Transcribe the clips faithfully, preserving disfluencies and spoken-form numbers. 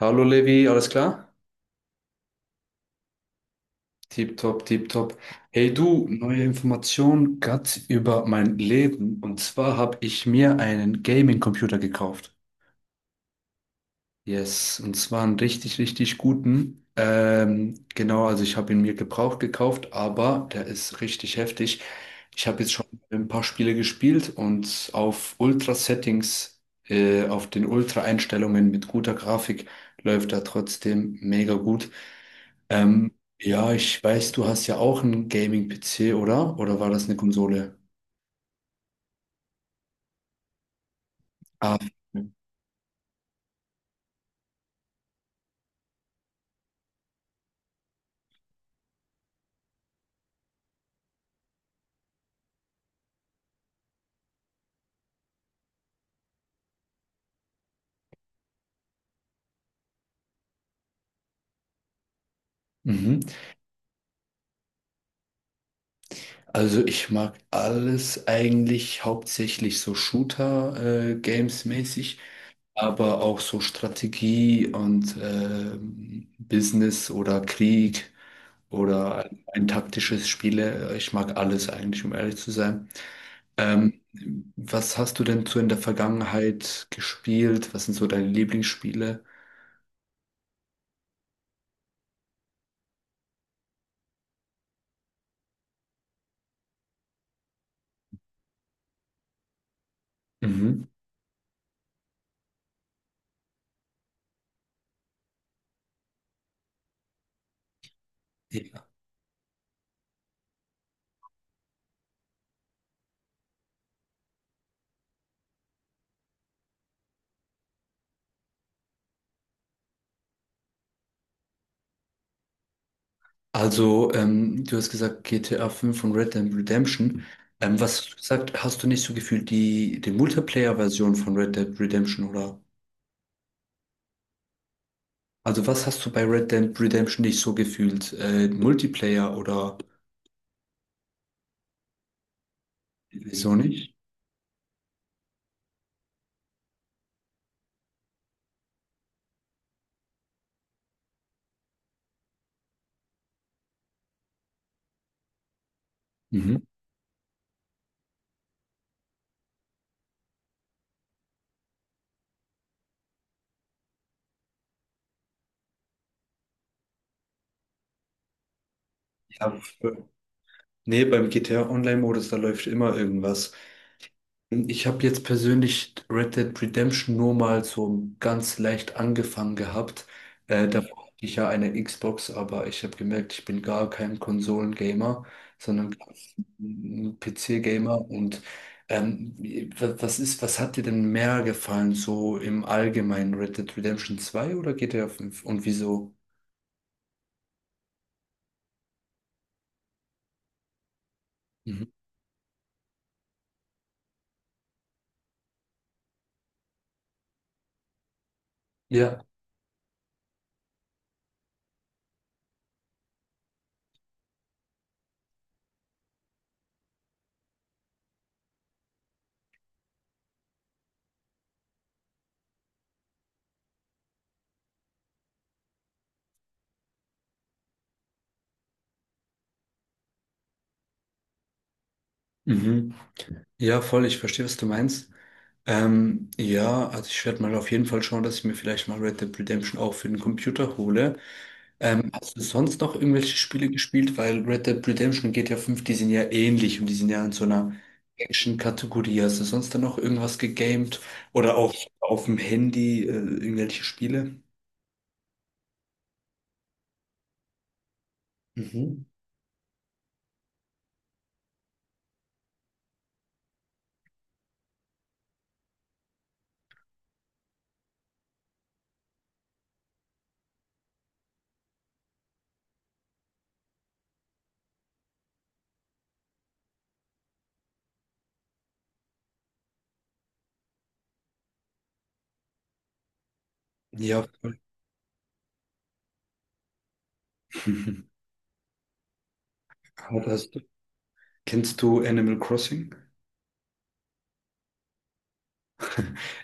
Hallo Levi, alles klar? Tipptopp, tipptopp. Hey du, neue Information grad über mein Leben. Und zwar habe ich mir einen Gaming-Computer gekauft. Yes, und zwar einen richtig, richtig guten. Ähm, genau, also ich habe ihn mir gebraucht gekauft, aber der ist richtig heftig. Ich habe jetzt schon ein paar Spiele gespielt und auf Ultra-Settings, äh, auf den Ultra-Einstellungen mit guter Grafik läuft er trotzdem mega gut. Ähm, ja, ich weiß, du hast ja auch einen Gaming-P C, oder? Oder war das eine Konsole? Ah, okay. Mhm. Also ich mag alles eigentlich, hauptsächlich so Shooter-Games-mäßig, aber auch so Strategie und ähm, Business oder Krieg oder ein, ein taktisches Spiele. Ich mag alles eigentlich, um ehrlich zu sein. Ähm, was hast du denn so in der Vergangenheit gespielt? Was sind so deine Lieblingsspiele? Mhm. Also, ähm, du hast gesagt G T A fünf und Red Dead Redemption. Ähm, was hast du gesagt, hast du nicht so gefühlt die, die Multiplayer-Version von Red Dead Redemption oder? Also, was hast du bei Red Dead Redemption nicht so gefühlt? Äh, Multiplayer oder wieso nicht? Mhm. Ja, f- nee, beim G T A Online-Modus, da läuft immer irgendwas. Ich habe jetzt persönlich Red Dead Redemption nur mal so ganz leicht angefangen gehabt. Äh, da hatte ich ja eine Xbox, aber ich habe gemerkt, ich bin gar kein Konsolengamer, sondern ein P C-Gamer. Und ähm, wa- was ist, was hat dir denn mehr gefallen, so im Allgemeinen Red Dead Redemption zwei oder G T A fünf und wieso? Mhm. Ja. Mhm. Ja, voll, ich verstehe, was du meinst. Ähm, ja, also ich werde mal auf jeden Fall schauen, dass ich mir vielleicht mal Red Dead Redemption auch für den Computer hole. Ähm, hast du sonst noch irgendwelche Spiele gespielt? Weil Red Dead Redemption und G T A fünf, die sind ja ähnlich und die sind ja in so einer Action-Kategorie. Hast du sonst dann noch irgendwas gegamed? Oder auch auf dem Handy, äh, irgendwelche Spiele? Mhm. Ja, voll. Aber hast, kennst du Animal Crossing?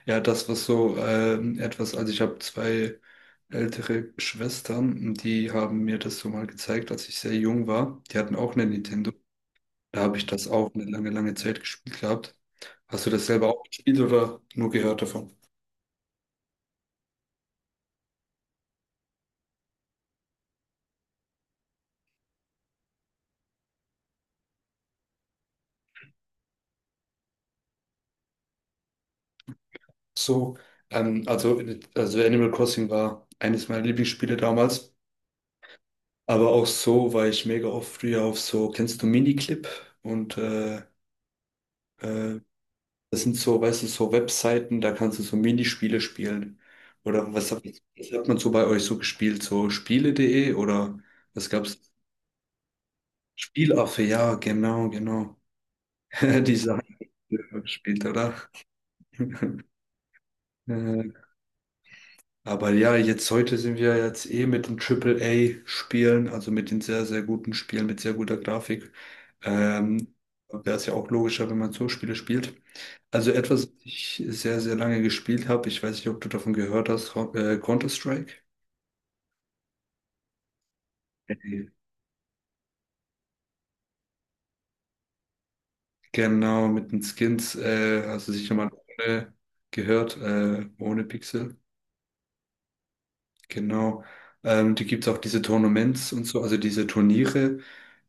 Ja, das, was so ähm, etwas, also ich habe zwei ältere Schwestern, die haben mir das so mal gezeigt, als ich sehr jung war. Die hatten auch eine Nintendo. Da habe ich das auch eine lange, lange Zeit gespielt gehabt. Hast du das selber auch gespielt oder nur gehört davon? So, ähm, also, also Animal Crossing war eines meiner Lieblingsspiele damals. Aber auch so war ich mega oft früher auf so, kennst du Miniclip und äh, äh, das sind so, weißt du, so Webseiten, da kannst du so Minispiele spielen. Oder was hat, was hat man so bei euch so gespielt? So Spiele.de oder was gab's? Spielaffe, ja, genau, genau. Die Sachen die ihr gespielt, oder? Äh, aber ja, jetzt heute sind wir jetzt eh mit den Triple A spielen, also mit den sehr, sehr guten Spielen mit sehr guter Grafik. Ähm, wäre es ja auch logischer, wenn man so Spiele spielt. Also etwas, was ich sehr, sehr lange gespielt habe, ich weiß nicht, ob du davon gehört hast, Ho- äh, Counter-Strike. Nee. Genau, mit den Skins, äh, hast du sicher mal ohne gehört, äh, ohne Pixel. Genau. Ähm, die gibt es auch diese Tournaments und so, also diese Turniere.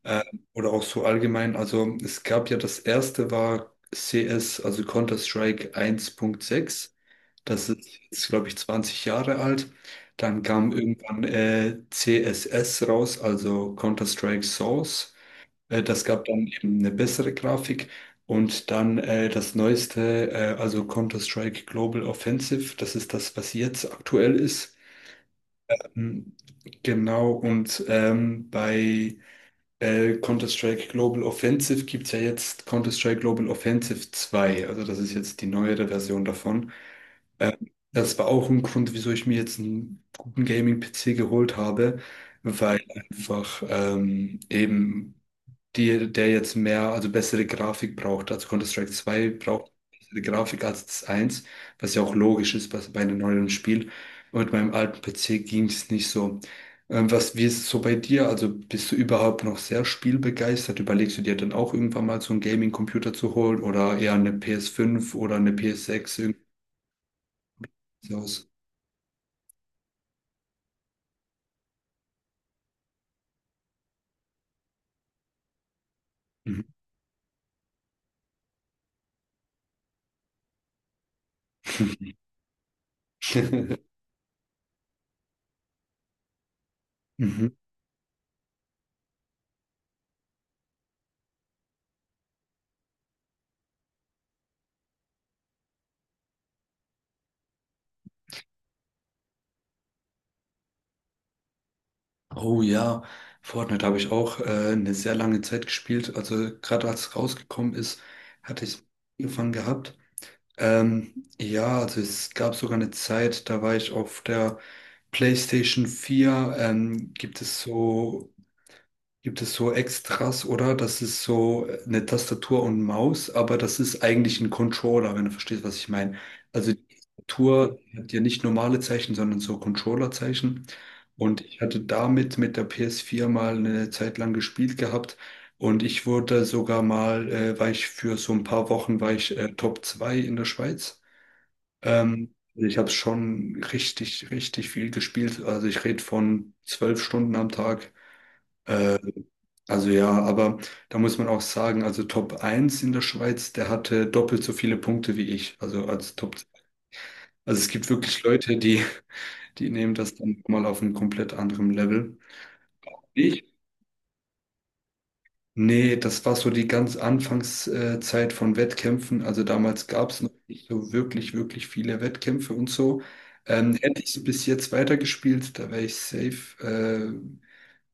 Äh, oder auch so allgemein. Also es gab ja, das erste war C S, also Counter-Strike eins Punkt sechs. Das ist jetzt, glaube ich, zwanzig Jahre alt. Dann kam irgendwann äh, C S S raus, also Counter-Strike Source. Äh, das gab dann eben eine bessere Grafik. Und dann äh, das neueste, äh, also Counter-Strike Global Offensive. Das ist das, was jetzt aktuell ist. Ähm, Genau, und ähm, bei äh, Counter-Strike Global Offensive gibt es ja jetzt Counter-Strike Global Offensive zwei, also das ist jetzt die neuere Version davon. Ähm, das war auch ein Grund, wieso ich mir jetzt einen guten Gaming-P C geholt habe, weil einfach ähm, eben die, der jetzt mehr, also bessere Grafik braucht. Also Counter-Strike zwei braucht bessere Grafik als das eins, was ja auch logisch ist bei, bei einem neuen Spiel. Und mit meinem alten P C ging es nicht so. Ähm, was, wie ist es so bei dir? Also bist du überhaupt noch sehr spielbegeistert? Überlegst du dir dann auch irgendwann mal so einen Gaming-Computer zu holen oder eher eine P S fünf oder eine P S sechs? Irgendwie so aus? Mhm. Mhm. Oh ja, Fortnite habe ich auch äh, eine sehr lange Zeit gespielt. Also gerade als es rausgekommen ist, hatte ich es angefangen gehabt. Ähm, ja, also es gab sogar eine Zeit, da war ich auf der PlayStation vier. Ähm, gibt es so Gibt es so Extras, oder? Das ist so äh, eine Tastatur und Maus, aber das ist eigentlich ein Controller, wenn du verstehst, was ich meine. Also die Tastatur hat ja nicht normale Zeichen, sondern so Controller-Zeichen. Und ich hatte damit mit der P S vier mal eine Zeit lang gespielt gehabt. Und ich wurde sogar mal, äh, war ich für so ein paar Wochen, war ich äh, Top zwei in der Schweiz. Ähm, also ich habe schon richtig, richtig viel gespielt. Also ich rede von zwölf Stunden am Tag. Also ja, aber da muss man auch sagen, also Top eins in der Schweiz, der hatte doppelt so viele Punkte wie ich, also als Top zwei. Also es gibt wirklich Leute, die, die nehmen das dann mal auf einem komplett anderen Level. Ich? Nee, das war so die ganz Anfangszeit von Wettkämpfen. Also damals gab es noch nicht so wirklich, wirklich viele Wettkämpfe und so. Ähm, hätte ich so bis jetzt weitergespielt, da wäre ich safe. äh,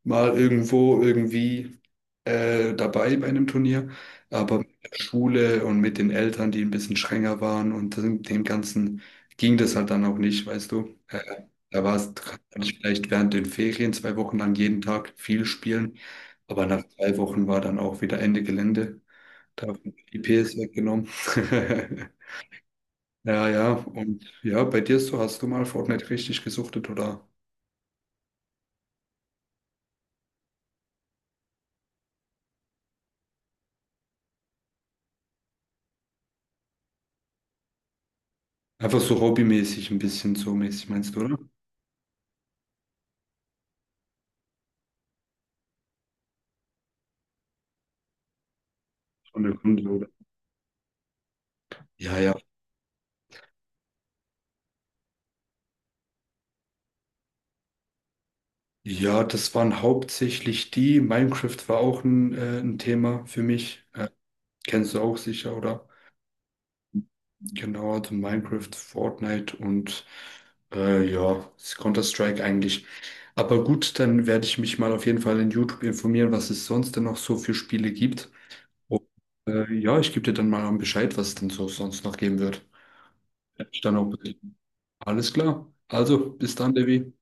mal irgendwo irgendwie äh, dabei bei einem Turnier, aber mit der Schule und mit den Eltern, die ein bisschen strenger waren, und dem dem Ganzen ging das halt dann auch nicht, weißt du. Äh, da war es, kann ich vielleicht während den Ferien zwei Wochen lang jeden Tag viel spielen, aber nach zwei Wochen war dann auch wieder Ende Gelände. Da haben die I P S weggenommen. Ja, ja, und ja, bei dir so, hast du mal Fortnite richtig gesuchtet oder einfach so hobbymäßig ein bisschen so mäßig, meinst du, oder? Von der Konsole. Ja, ja. Ja, das waren hauptsächlich die. Minecraft war auch ein, äh, ein Thema für mich. Äh, kennst du auch sicher, oder? Genau, also Minecraft, Fortnite und äh, ja, Counter-Strike eigentlich. Aber gut, dann werde ich mich mal auf jeden Fall in YouTube informieren, was es sonst denn noch so für Spiele gibt. Und, äh, ja, ich gebe dir dann mal Bescheid, was es denn so sonst noch geben wird. Werd mich dann auch berichten. Alles klar. Also, bis dann, Devi.